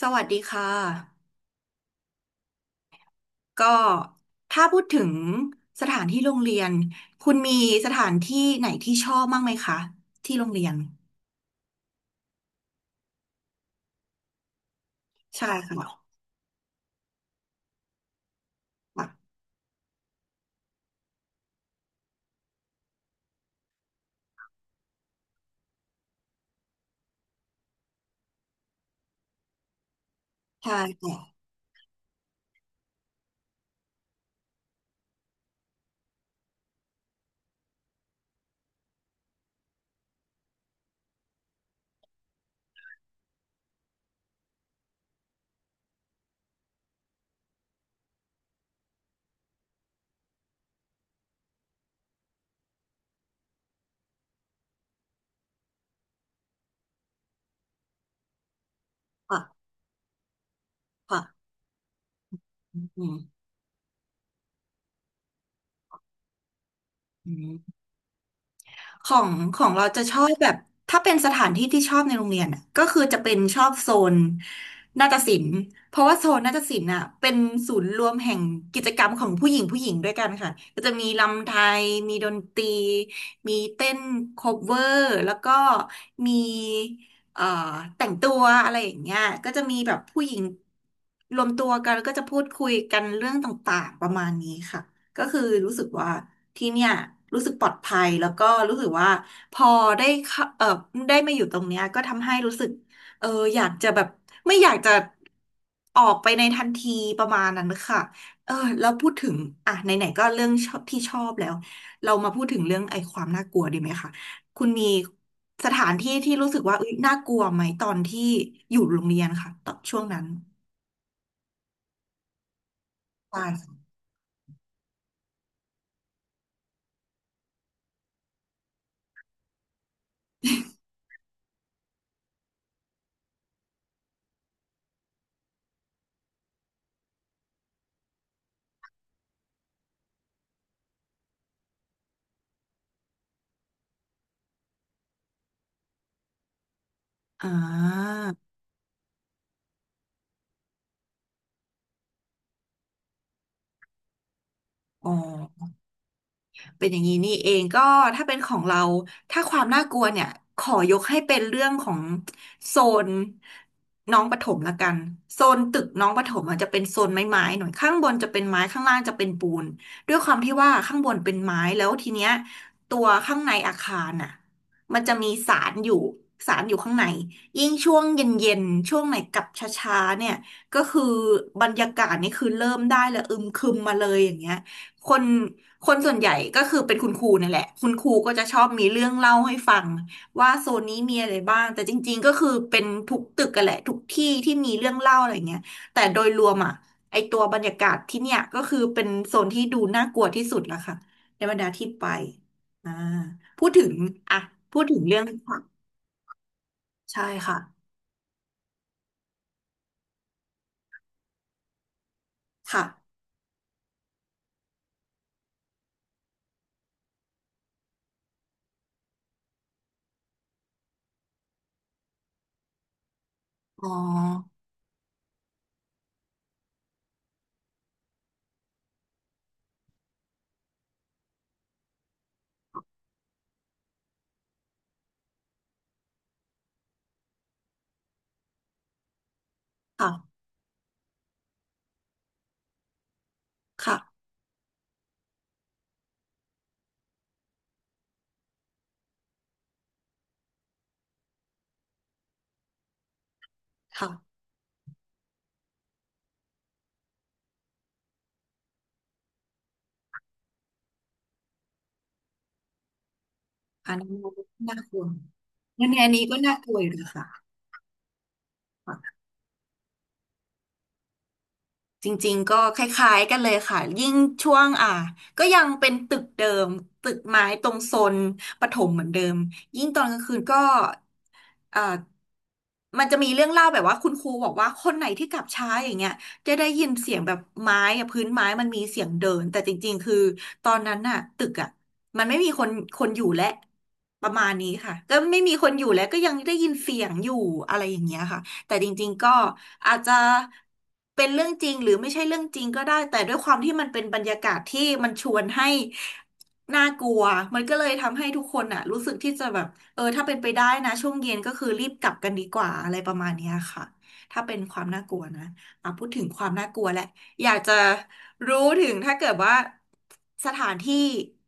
สวัสดีค่ะก็ถ้าพูดถึงสถานที่โรงเรียนคุณมีสถานที่ไหนที่ชอบบ้างไหมคะที่โรงเรียนใช่ค่ะค่ะใช่ค่ะค่ะค่ะอืมอืม ของของเราจะชอบแบบถ้าเป็นสถานที่ที่ชอบในโรงเรียนอะก็คือจะเป็นชอบโซนนาฏศิลป์เพราะว่าโซนนาฏศิลป์อ่ะเป็นศูนย์รวมแห่งกิจกรรมของผู้หญิงผู้หญิงด้วยกันค่ะก็จะมีรำไทยมีดนตรีมีเต้นโคเวอร์แล้วก็มีเอ่อแต่งตัวอะไรอย่างเงี้ยก็จะมีแบบผู้หญิงรวมตัวกันแล้วก็จะพูดคุยกันเรื่องต่างๆประมาณนี้ค่ะ ก็คือรู้สึกว่าที่เนี่ยรู้สึกปลอดภัยแล้วก็รู้สึกว่าพอได้เข้าได้มาอยู่ตรงเนี้ยก็ทำให้รู้สึกเอออยากจะแบบไม่อยากจะออกไปในทันทีประมาณนั้นค่ะเออแล้วพูดถึงอ่ะไหนๆก็เรื่องชอบที่ชอบแล้วเรามาพูดถึงเรื่องไอ้ความน่ากลัวดีไหมคะคุณมีสถานที่ที่รู้สึกว่าอุ๊ยน่ากลัวไหมตอนที่อยู่โรงเรียนค่ะตอนช่วงนั้นใช่ค่ะอ่าอ๋อ เป็นอย่างนี้นี่เองก็ถ้าเป็นของเราถ้าความน่ากลัวเนี่ยขอยกให้เป็นเรื่องของโซนน้องประถมละกันโซนตึกน้องประถมอาจจะเป็นโซนไม้ๆหน่อยข้างบนจะเป็นไม้ข้างล่างจะเป็นปูนด้วยความที่ว่าข้างบนเป็นไม้แล้วทีเนี้ยตัวข้างในอาคารน่ะมันจะมีสารอยู่สารอยู่ข้างในยิ่งช่วงเย็นๆช่วงไหนกลับช้าๆเนี่ยก็คือบรรยากาศนี่คือเริ่มได้เลยอึมครึมมาเลยอย่างเงี้ย คนคนส่วนใหญ่ก็คือเป็นคุณครูนั่นแหละคุณครูก็จะชอบมีเรื่องเล่าให้ฟังว่าโซนนี้มีอะไรบ้างแต่จริงๆก็คือเป็นทุกตึกกันแหละทุกที่ที่มีเรื่องเล่าอะไรเงี้ยแต่โดยรวมอ่ะไอตัวบรรยากาศที่เนี่ยก็คือเป็นโซนที่ดูน่ากลัวที่สุดละค่ะในบรรดาที่ไปอ่าพูดถึงอ่ะพูดถึงเรื่องค่ะใช่ค่ะค่ะอ๋อค่ะค่ะค่ะอันนี้น่ากลัวงั้นอันนี้ก็น่ากลัวอยู่นะคะ จริงๆก็คล้ายๆกันเลยค่ะยิ่งช่วงอ่ะก็ยังเป็นตึกเดิมตึกไม้ตรงโซนปฐมเหมือนเดิมยิ่งตอนกลางคืนก็เอ่อมันจะมีเรื่องเล่าแบบว่าคุณครูบอกว่าคนไหนที่กลับช้าอย่างเงี้ยจะได้ยินเสียงแบบไม้อะพื้นไม้มันมีเสียงเดินแต่จริงๆคือตอนนั้นน่ะตึกอ่ะมันไม่มีคนอยู่และประมาณนี้ค่ะก็ไม่มีคนอยู่แล้วก็ยังได้ยินเสียงอยู่อะไรอย่างเงี้ยค่ะ แต่จริงๆก็อาจจะเป็นเรื่องจริงหรือไม่ใช่เรื่องจริงก็ได้แต่ด้วยความที่มันเป็นบรรยากาศที่มันชวนให้น่ากลัวมันก็เลยทำให้ทุกคนอ่ะรู้สึกที่จะแบบเออถ้าเป็นไปได้นะช่วงเย็นก็คือรีบกลับกันดีกว่าอะไรประมาณเนี้ยค่ะถ้าเป็นความน่ากลัวนะอ่ะพูดถึงความน่ากลัวแหละอยากจะรู้ถึงถ้าเกิดว่าสถานที่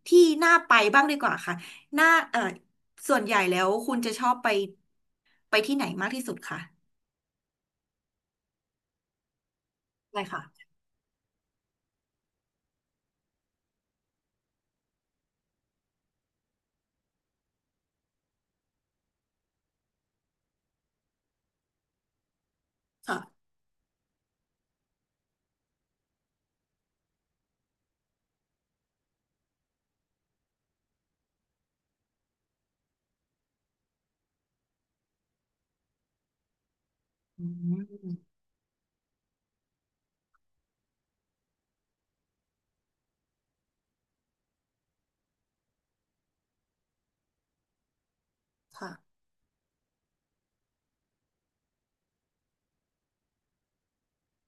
ที่น่าไปบ้างดีกว่าค่ะน่าเออส่วนใหญ่แล้วคุณจะชอบไปที่ไหนมากที่สุดคะ ใช่ค่ะค่ะอืมค่ะ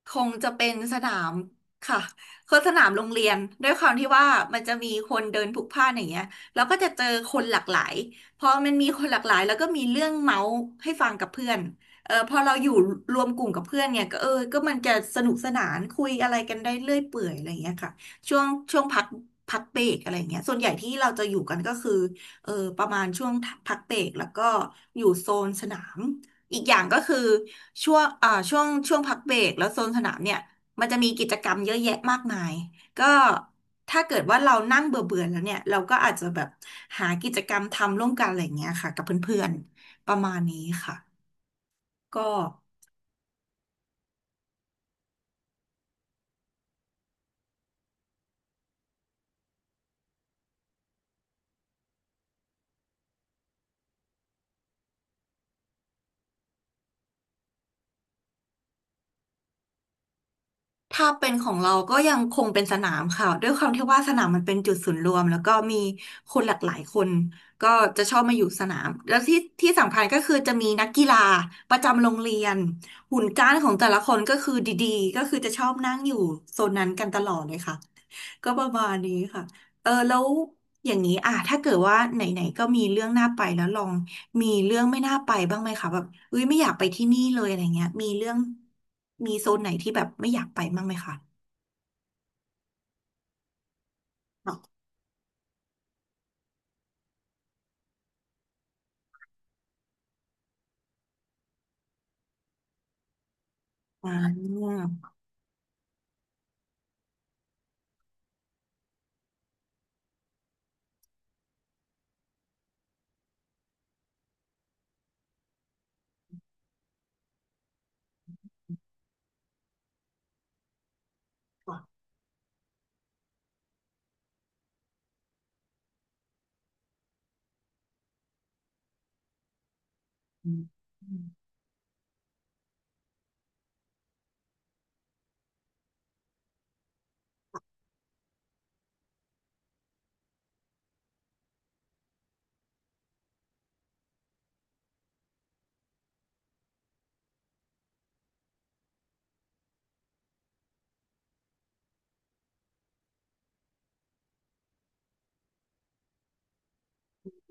คงจะเป็นสนามค่ะคือสนามโรงเรียนด้วยความที่ว่ามันจะมีคนเดินพลุกพล่านอย่างเงี้ยแล้วก็จะเจอคนหลากหลายพอมันมีคนหลากหลายแล้วก็มีเรื่องเมาส์ให้ฟังกับเพื่อนเออพอเราอยู่รวมกลุ่มกับเพื่อนเนี่ยก็เออก็มันจะสนุกสนานคุยอะไรกันได้เรื่อยเปื่อยอะไรอย่างเงี้ยค่ะช่วงช่วงพักพักเบรกอะไรอย่างเงี้ยส่วนใหญ่ที่เราจะอยู่กันก็คือเออประมาณช่วงพักเบรกแล้วก็อยู่โซนสนาม อีกอย่างก็คือช่วงอ่าช่วงพักเบรกแล้วโซนสนามเนี่ยมันจะมีกิจกรรมเยอะแยะมากมายก็ถ้าเกิดว่าเรานั่งเบื่อเบื่อแล้วเนี่ยเราก็อาจจะแบบหากิจกรรมทำร่วมกันอะไรอย่างเงี้ยค่ะกับเพื่อนๆประมาณนี้ค่ะก็ ถ้าเป็นของเราก็ยังคงเป็นสนามค่ะด้วยความที่ว่าสนามมันเป็นจุดศูนย์รวมแล้วก็มีคนหลากหลายคนก็จะชอบมาอยู่สนามแล้วที่ที่สำคัญก็คือจะมีนักกีฬาประจำโรงเรียนหุ่นก้านของแต่ละคนก็คือดีๆก็คือจะชอบนั่งอยู่โซนนั้นกันตลอดเลยค่ะ ก็ประมาณนี้ค่ะ เออแล้วอย่างนี้อ่ะถ้าเกิดว่าไหนๆก็มีเรื่องน่าไปแล้วลอง มีเรื่องไม่น่าไปบ้างไหมคะแบบเอ้ยไม่อยากไปที่นี่เลยอะไรเงี้ยมีเรื่องมีโซนไหนที่แบบไม่อยากไปบ้างไหมคะอออ่า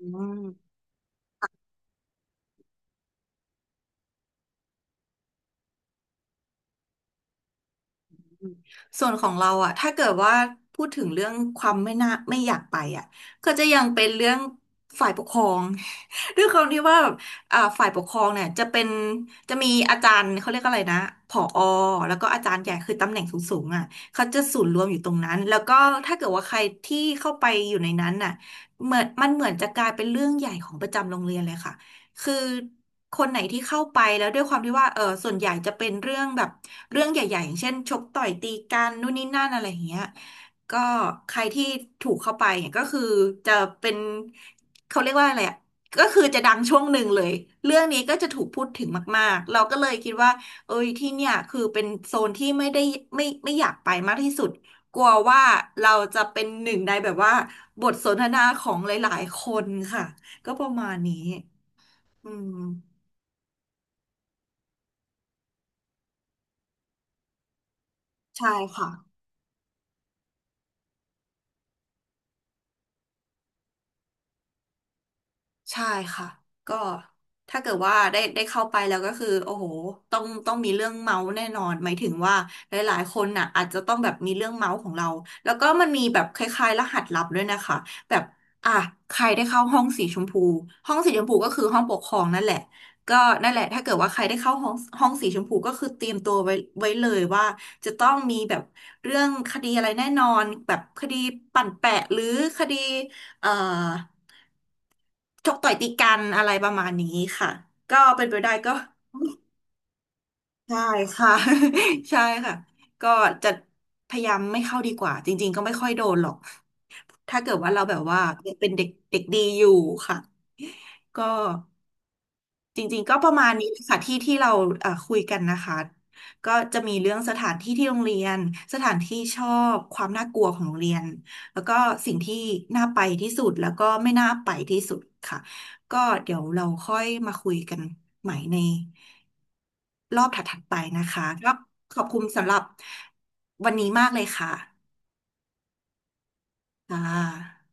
อืม ส่วนของเราอะถ้าเกิดว่าพูดถึงเรื่องความไม่น่าไม่อยากไปอะก็จะยังเป็นเรื่องฝ่ายปกครอง ด้วยความที่ว่าแบบฝ่ายปกครองเนี่ยจะเป็นจะมีอาจารย์เขาเรียกอะไรนะผอแล้วก็อาจารย์ใหญ่คือตำแหน่งสูงๆอะเขาจะศูนย์รวมอยู่ตรงนั้นแล้วก็ถ้าเกิดว่าใครที่เข้าไปอยู่ในนั้นน่ะเหมือนมันเหมือนจะกลายเป็นเรื่องใหญ่ของประจำโรงเรียนเลยค่ะ คือคนไหนที่เข้าไปแล้วด้วยความที่ว่าเออส่วนใหญ่จะเป็นเรื่องแบบเรื่องใหญ่ๆอย่างเช่นชกต่อยตีกันนู่นนี่นั่นอะไรอย่างเงี้ยก็ใครที่ถูกเข้าไปเนี่ยก็คือจะเป็นเขาเรียกว่าอะไรอะก็คือจะดังช่วงหนึ่งเลยเรื่องนี้ก็จะถูกพูดถึงมากๆเราก็เลยคิดว่าเอ้ยที่เนี่ยคือเป็นโซนที่ไม่ได้ไม่อยากไปมากที่สุดกลัวว่าเราจะเป็นหนึ่งในแบบว่าบทสนทนาของหลายๆคนค่ะก็ประมาณนี้ อืมใช่ค่ะ ใช่ค่ะก็ถ้าเกิดว่าได้เข้าไปแล้วก็คือโอ้โหต้องมีเรื่องเมาส์แน่นอนหมายถึงว่าหลายๆคนน่ะอาจจะต้องแบบมีเรื่องเมาส์ของเราแล้วก็มันมีแบบคล้ายๆรหัสลับด้วยนะคะแบบอ่ะใครได้เข้าห้องสีชมพูห้องสีชมพูก็คือห้องปกครองนั่นแหละก็นั่นแหละถ้าเกิดว่าใครได้เข้าห้องห้องสีชมพูก็คือเตรียมตัวไว้ไว้เลยว่าจะต้องมีแบบเรื่องคดีอะไรแน่นอนแบบคดีปั่นแปะหรือคดีเอ่อ ชกต่อยตีกันอะไรประมาณนี้ค่ะก็เป็นไปได้ก็ใช่ค่ะ ใช่ค่ะก็จะพยายามไม่เข้าดีกว่าจริงๆก็ไม่ค่อยโดนหรอกถ้าเกิดว่าเราแบบว่ายังเป็นเด็กเด็กดีอยู่ค่ะก็ จริงๆก็ประมาณนี้ค่ะที่ที่เราคุยกันนะคะก็จะมีเรื่องสถานที่ที่โรงเรียนสถานที่ชอบความน่ากลัวของโรงเรียนแล้วก็สิ่งที่น่าไปที่สุดแล้วก็ไม่น่าไปที่สุดค่ะก็เดี๋ยวเราค่อยมาคุยกันใหม่ในรอบถัดๆไปนะคะก็ขอบคุณสำหรับวันนี้มากเลยค่ะค่ะ